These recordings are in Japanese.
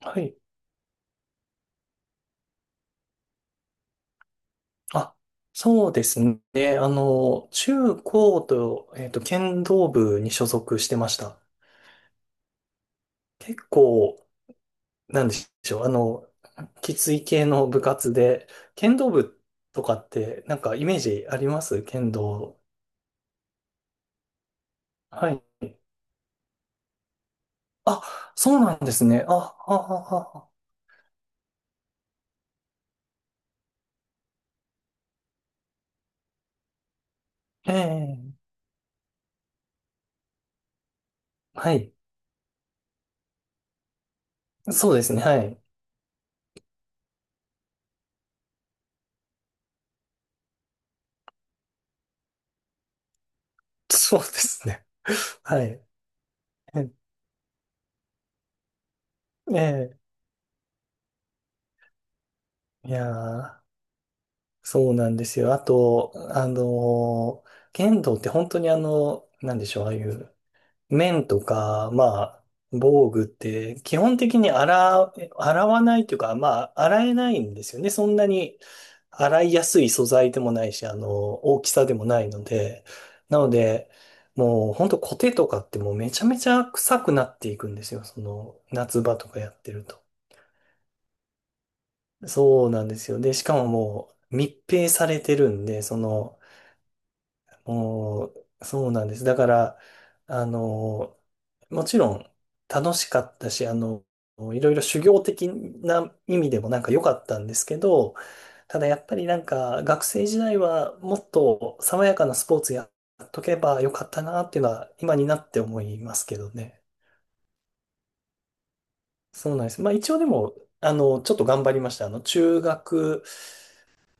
はい。あ、そうですね。中高と、剣道部に所属してました。結構、なんでしょう。きつい系の部活で、剣道部とかって、なんかイメージあります、剣道？はい。あ、そうなんですね。あ、あ、あ、あ、ええ、はい。そうですね。はい。そうですね。はい。ええ、ええ、いやー、そうなんですよ。あと、剣道って本当になんでしょう、ああいう面とか、まあ、防具って基本的に洗う、洗わないというか、まあ、洗えないんですよね。そんなに洗いやすい素材でもないし、大きさでもないので。なので、もう本当コテとかってもうめちゃめちゃ臭くなっていくんですよ。その、夏場とかやってると。そうなんですよ。で、しかももう密閉されてるんで、その、もう、そうなんです。だから、あの、もちろん楽しかったし、いろいろ修行的な意味でもなんか良かったんですけど、ただやっぱりなんか学生時代はもっと爽やかなスポーツやっとけばよかったなっていうのは今になって思いますけどね。そうなんです。まあ一応でも、ちょっと頑張りました。中学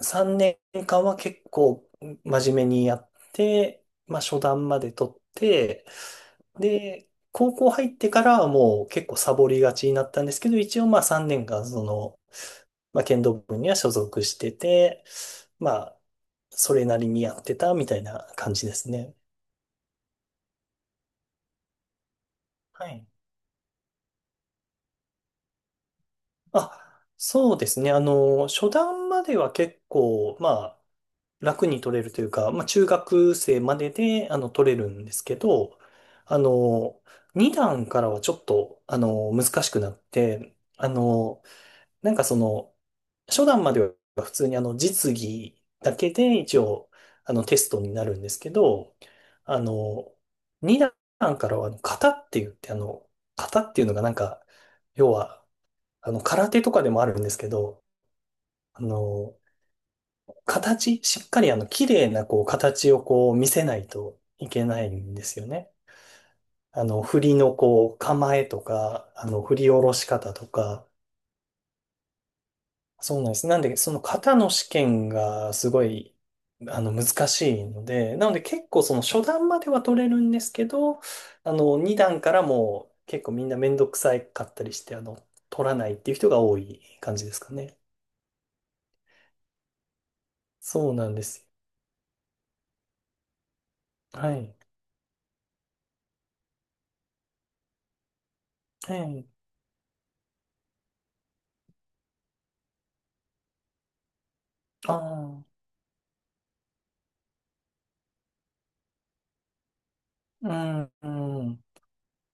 3年間は結構真面目にやって、まあ初段まで取って、で、高校入ってからはもう結構サボりがちになったんですけど、一応まあ3年間その、まあ剣道部には所属してて、まあ、それなりにやってたみたいな感じですね。はい。あ、そうですね。初段までは結構、まあ、楽に取れるというか、まあ、中学生までで、取れるんですけど、あの、2段からはちょっと、難しくなって、なんかその、初段までは普通に実技だけで一応、テストになるんですけど、あの、2段からは、型って言って、型っていうのがなんか、要は、空手とかでもあるんですけど、あの、形、しっかり綺麗なこう、形をこう、見せないといけないんですよね。振りのこう、構えとか、振り下ろし方とか、そうなんです。なんで、その型の試験がすごい、難しいので、なので結構その初段までは取れるんですけど、2段からも結構みんなめんどくさいかったりして、取らないっていう人が多い感じですかね。そうなんです。はい。ええ。ああ。うん、うん。い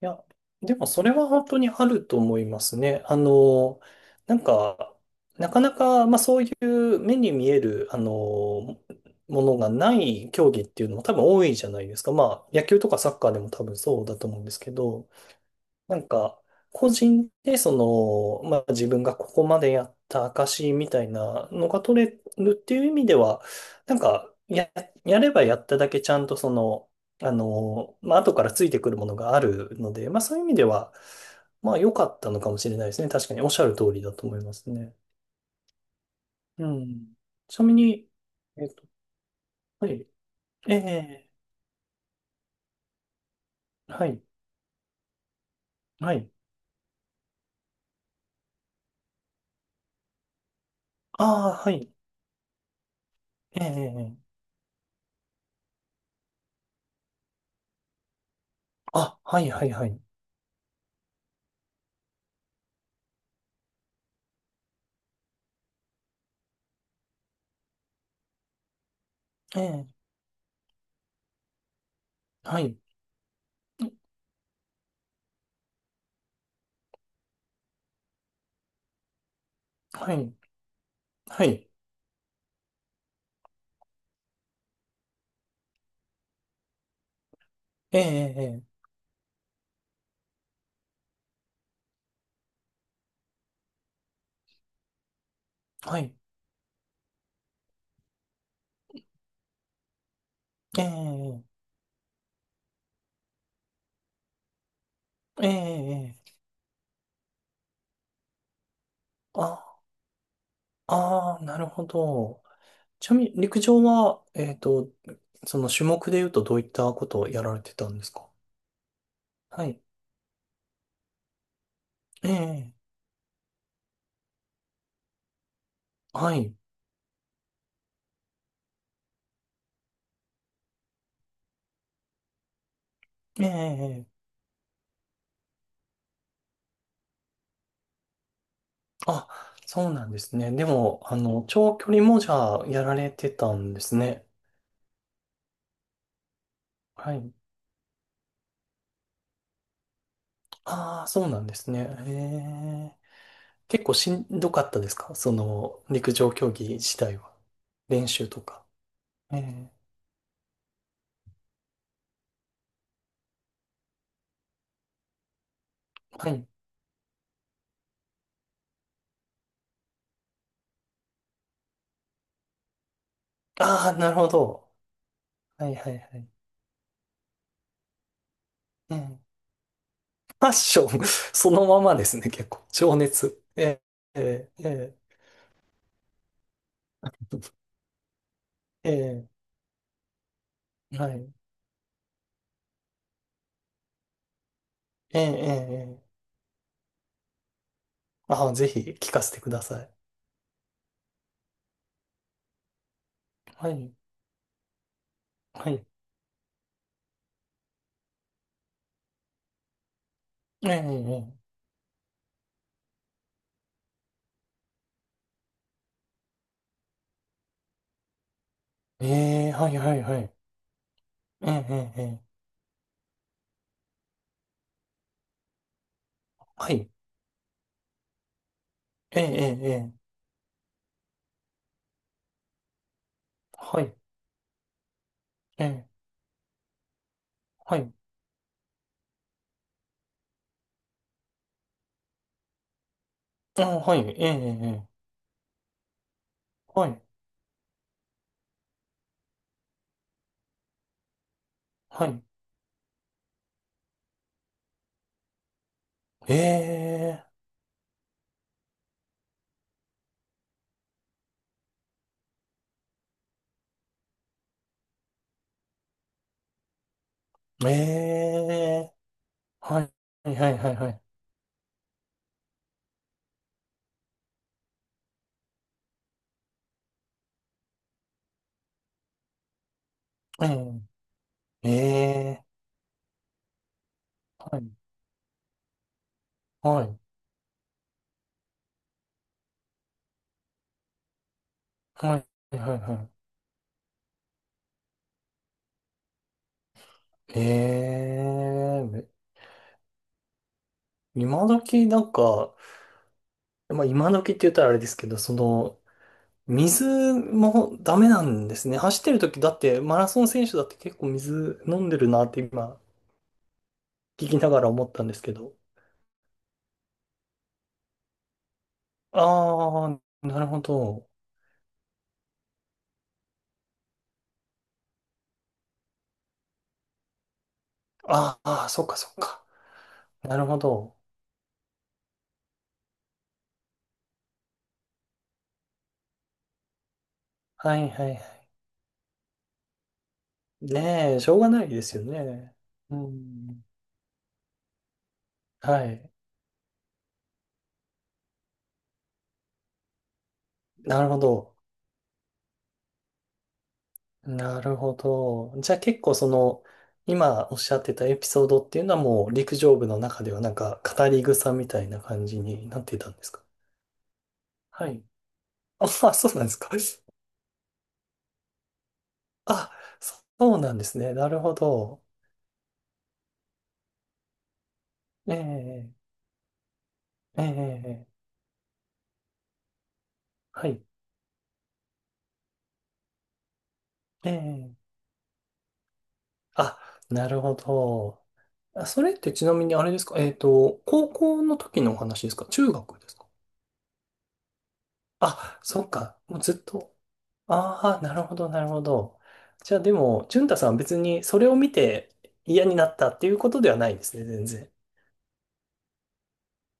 や、でもそれは本当にあると思いますね。なんか、なかなか、まあそういう目に見える、ものがない競技っていうのも多分多いじゃないですか。まあ野球とかサッカーでも多分そうだと思うんですけど。なんか、個人で、その、まあ自分がここまでやった証みたいなのが取れるっていう意味では、なんか、やればやっただけちゃんとその、まあ後からついてくるものがあるので、まあそういう意味では、まあ良かったのかもしれないですね。確かにおっしゃる通りだと思いますね。うん。ちなみに、えっと、はい。ええ、はい。はい。ああ、はい。ええ、あ、はい、はい、はい。ええ、はい。はい。はい。ええ、ええ、はい。ええ、ええ、ええ。あ、ああ、なるほど。ちなみに、陸上は、その種目で言うとどういったことをやられてたんですか？はい。ええ、はい。ええ、あ、そうなんですね。でも、長距離もじゃあ、やられてたんですね。はい。ああ、そうなんですね。ええ。結構しんどかったですか？その、陸上競技自体は。練習とか。ええ、はい。ああ、なるほど。はいはいはい。うん。ファッション そのままですね、結構。情熱。ー、えー、えー、えはい。えー、えー、えああ、ぜひ聞かせてください。はい。はい。えー、えー、えーはいはいはい。えー、えー、えーはい。えー、えー、えーはい。えー、はい。あー、はい。ー、えはい。はい。えー、えーはい。はいはいはいはい。えー、えはい。はい。はい。はい。はい。ええ。今時なんか、まあ今時って言ったらあれですけど、その、水もダメなんですね。走ってる時だって、マラソン選手だって結構水飲んでるなって今、聞きながら思ったんですけど。ああ、なるほど。ああ、そっかそっか。なるほど。はいはいはい。ねえ、しょうがないですよね。うん。はい。なるほど。なるほど。じゃあ結構その、今おっしゃってたエピソードっていうのはもう陸上部の中ではなんか語り草みたいな感じになっていたんですか？はい。あ、あ、そうなんですか。あ、そうなんですね。なるほど。ええ、ええ、ええ、はい。ええ。あ、なるほど。あ、それってちなみにあれですか？高校の時のお話ですか？中学ですか？あ、そっか。もうずっと。ああ、なるほど、なるほど。じゃあでも、淳太さんは別にそれを見て嫌になったっていうことではないんですね、全然。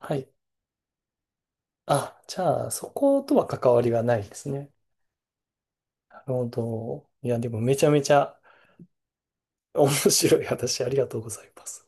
はい。あ、じゃあ、そことは関わりがないですね。なるほど。いや、でもめちゃめちゃ面白い話ありがとうございます。